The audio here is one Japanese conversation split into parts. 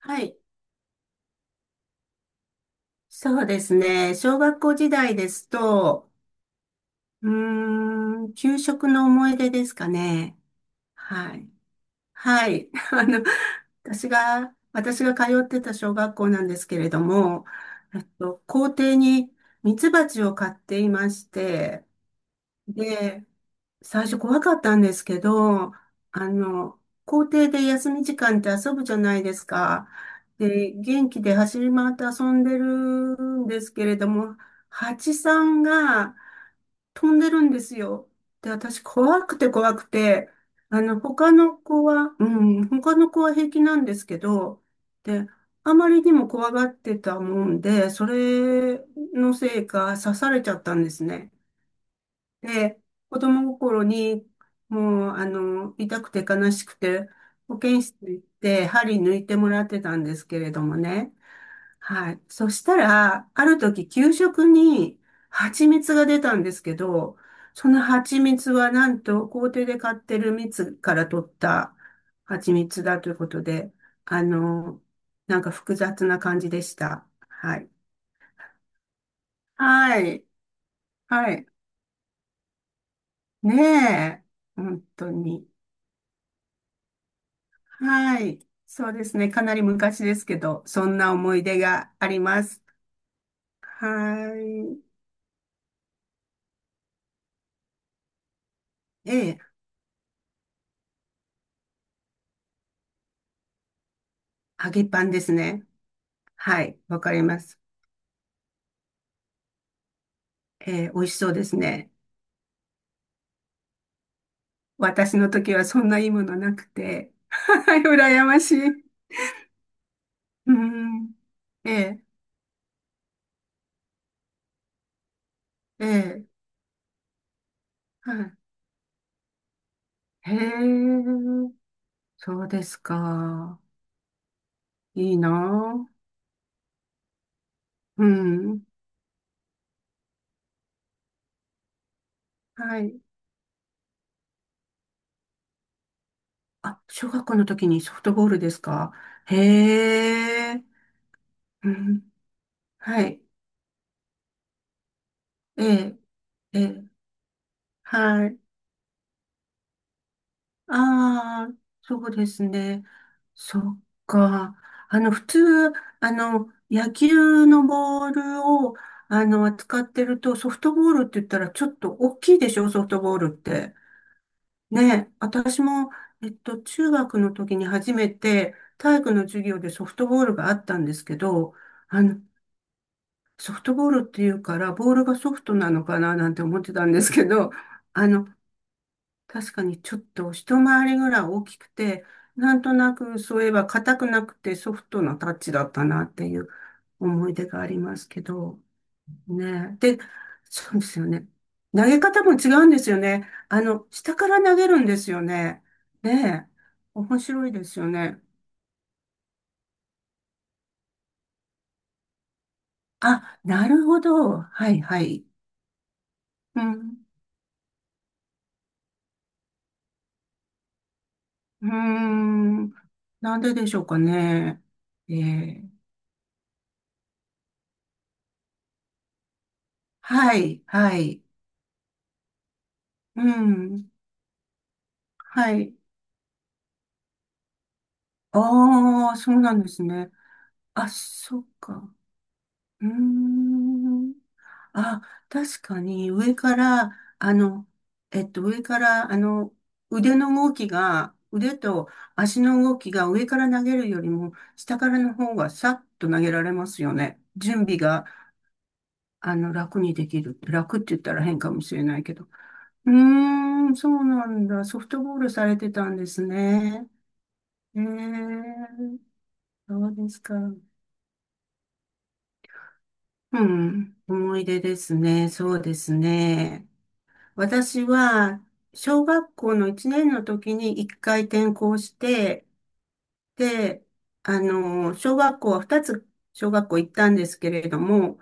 はい。そうですね。小学校時代ですと、うー給食の思い出ですかね。はい。はい。私が通ってた小学校なんですけれども、校庭にミツバチを飼っていまして、で、最初怖かったんですけど、校庭で休み時間って遊ぶじゃないですか。で、元気で走り回って遊んでるんですけれども、蜂さんが飛んでるんですよ。で、私怖くて怖くて、他の子は平気なんですけど、で、あまりにも怖がってたもんで、それのせいか刺されちゃったんですね。で、子供心に、もう、痛くて悲しくて、保健室に行って、針抜いてもらってたんですけれどもね。はい。そしたら、ある時、給食に蜂蜜が出たんですけど、その蜂蜜はなんと、校庭で買ってる蜜から取った蜂蜜だということで、あの、なんか複雑な感じでした。はい。はい。はい。ねえ。本当に。はい。そうですね。かなり昔ですけど、そんな思い出があります。はい。ええ、揚げパンですね。はい。わかります。ええ、美味しそうですね。私の時はそんないいものなくて。はい。羨ましい。うん。ええ、ええ、はい。へえ、そうですか。いいなあ。うん。はい。あ、小学校の時にソフトボールですか。へえ。うんはい。ええ、ええ、はい。ああ、そうですね。そっか。普通、野球のボールを、扱ってると、ソフトボールって言ったらちょっと大きいでしょ、ソフトボールって。ね、私も、中学の時に初めて体育の授業でソフトボールがあったんですけど、あの、ソフトボールっていうから、ボールがソフトなのかななんて思ってたんですけど、あの、確かにちょっと一回りぐらい大きくて、なんとなくそういえば硬くなくてソフトなタッチだったなっていう思い出がありますけど、ね。で、そうですよね。投げ方も違うんですよね。下から投げるんですよね。ねえ。面白いですよね。あ、なるほど。はいはい。うん。うーん。なんででしょうかね。ええ。はい、はい。うん。はい。ああ、そうなんですね。あ、そっか。うーん。あ、確かにあの、上から、腕と足の動きが上から投げるよりも、下からの方がさっと投げられますよね。準備が、楽にできる。楽って言ったら変かもしれないけど。うーん、そうなんだ。ソフトボールされてたんですね。ええ、そうですか。うん、思い出ですね。そうですね。私は、小学校の1年の時に1回転校して、で、小学校は2つ小学校行ったんですけれども、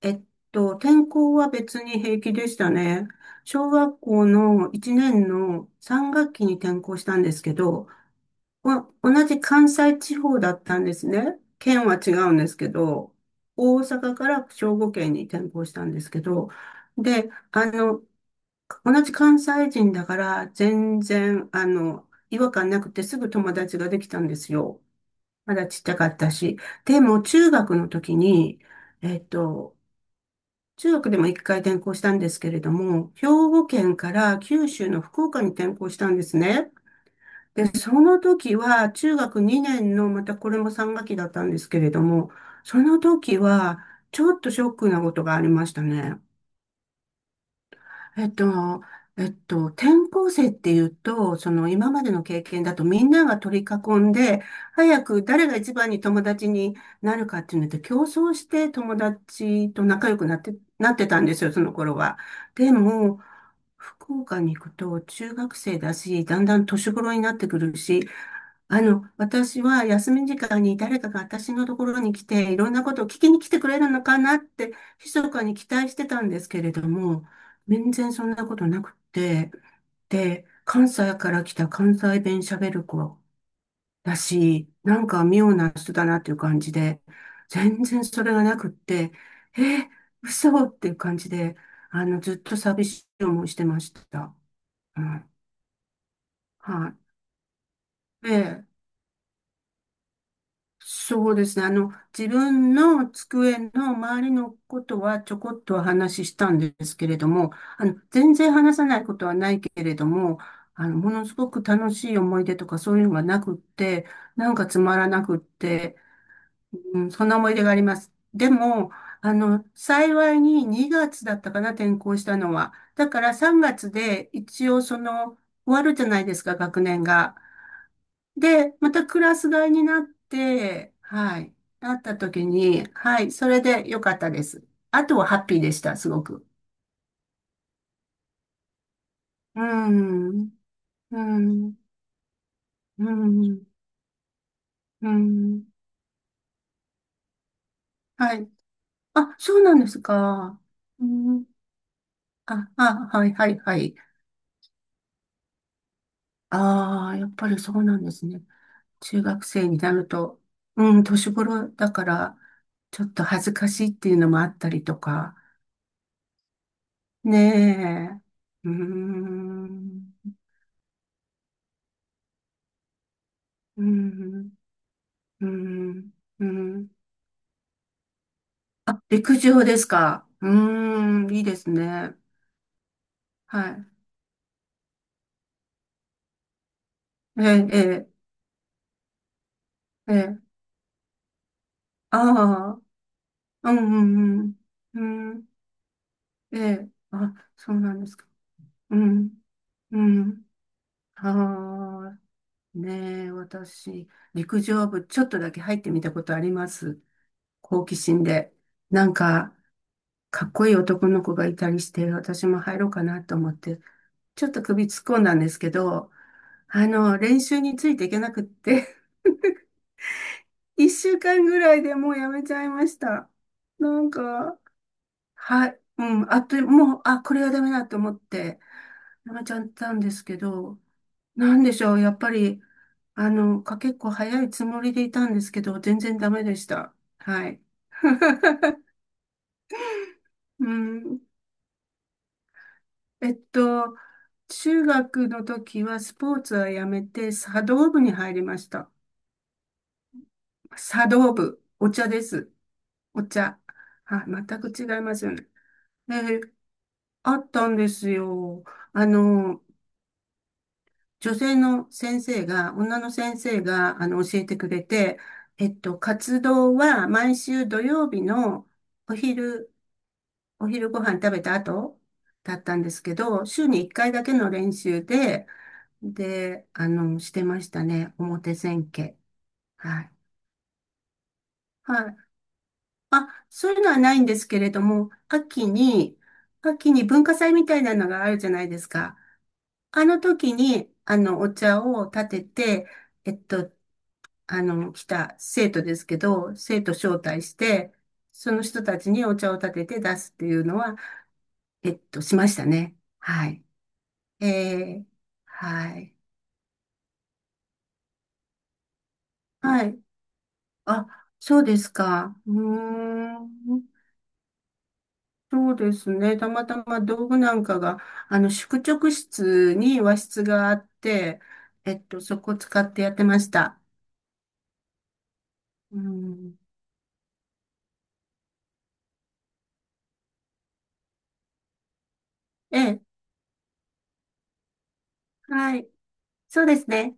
えっ転校は別に平気でしたね。小学校の1年の3学期に転校したんですけど、ま、同じ関西地方だったんですね。県は違うんですけど、大阪から兵庫県に転校したんですけど、で、同じ関西人だから、全然、違和感なくてすぐ友達ができたんですよ。まだちっちゃかったし。でも、中学の時に、えっと、中学でも一回転校したんですけれども、兵庫県から九州の福岡に転校したんですね。で、その時は中学2年の、またこれも3学期だったんですけれども、その時はちょっとショックなことがありましたね。えっと、転校生っていうと、その今までの経験だとみんなが取り囲んで、早く誰が一番に友達になるかっていうので競争して友達と仲良くなって、なってたんですよ、その頃は。でも、福岡に行くと中学生だし、だんだん年頃になってくるし、私は休み時間に誰かが私のところに来て、いろんなことを聞きに来てくれるのかなって、密かに期待してたんですけれども、全然そんなことなくって、で、関西から来た関西弁喋る子だし、なんか妙な人だなっていう感じで、全然それがなくって、えー、嘘っていう感じで、ずっと寂しい思いしてました。うん、はい。で、そうですね。自分の机の周りのことはちょこっとは話したんですけれども、全然話さないことはないけれども、ものすごく楽しい思い出とかそういうのがなくって、なんかつまらなくって、うん、そんな思い出があります。でも、幸いに2月だったかな、転校したのは。だから3月で一応終わるじゃないですか、学年が。で、またクラス替えになって、はい、なった時に、はい、それで良かったです。あとはハッピーでした、すごく。うん、うん、うん、うん、はい。あ、そうなんですか。うん、あ、あ、はい、はい、はい。ああ、やっぱりそうなんですね。中学生になると、うん、年頃だから、ちょっと恥ずかしいっていうのもあったりとか。ねえ。うーん。うん、うん、うん。あ、陸上ですか。うーん、いいですね。はい。ええ、ええ、ええ、ああ、うん、うん、うん、うん、ええ、あ、そうなんですか。うん、うん、ああ、ねえ、私、陸上部ちょっとだけ入ってみたことあります。好奇心で。なんか、かっこいい男の子がいたりして、私も入ろうかなと思ってちょっと首突っ込んだんですけど、練習についていけなくって、一週間ぐらいでもうやめちゃいました。なんか、はい、うん、あっという、もう、あ、これはダメだと思って、やめちゃったんですけど、なんでしょう、やっぱり、結構早いつもりでいたんですけど、全然ダメでした。はい。うん、えっと、中学の時はスポーツはやめて、茶道部に入りました。茶道部、お茶です。お茶。はい、全く違いますよね。であったんですよ。あの、女の先生が、教えてくれて、活動は毎週土曜日のお昼、お昼ご飯食べた後だったんですけど、週に1回だけの練習で、で、してましたね。表千家。はい。はい。あ、そういうのはないんですけれども、秋に文化祭みたいなのがあるじゃないですか。あの時に、お茶を立てて、えっと、来た生徒ですけど、生徒招待して、その人たちにお茶を立てて出すっていうのは、しましたね。はい。えー、はい。はい。あ、そうですか。うーん。そうですね。たまたま道具なんかが、宿直室に和室があって、そこを使ってやってました。うん。ええ。はい。そうですね。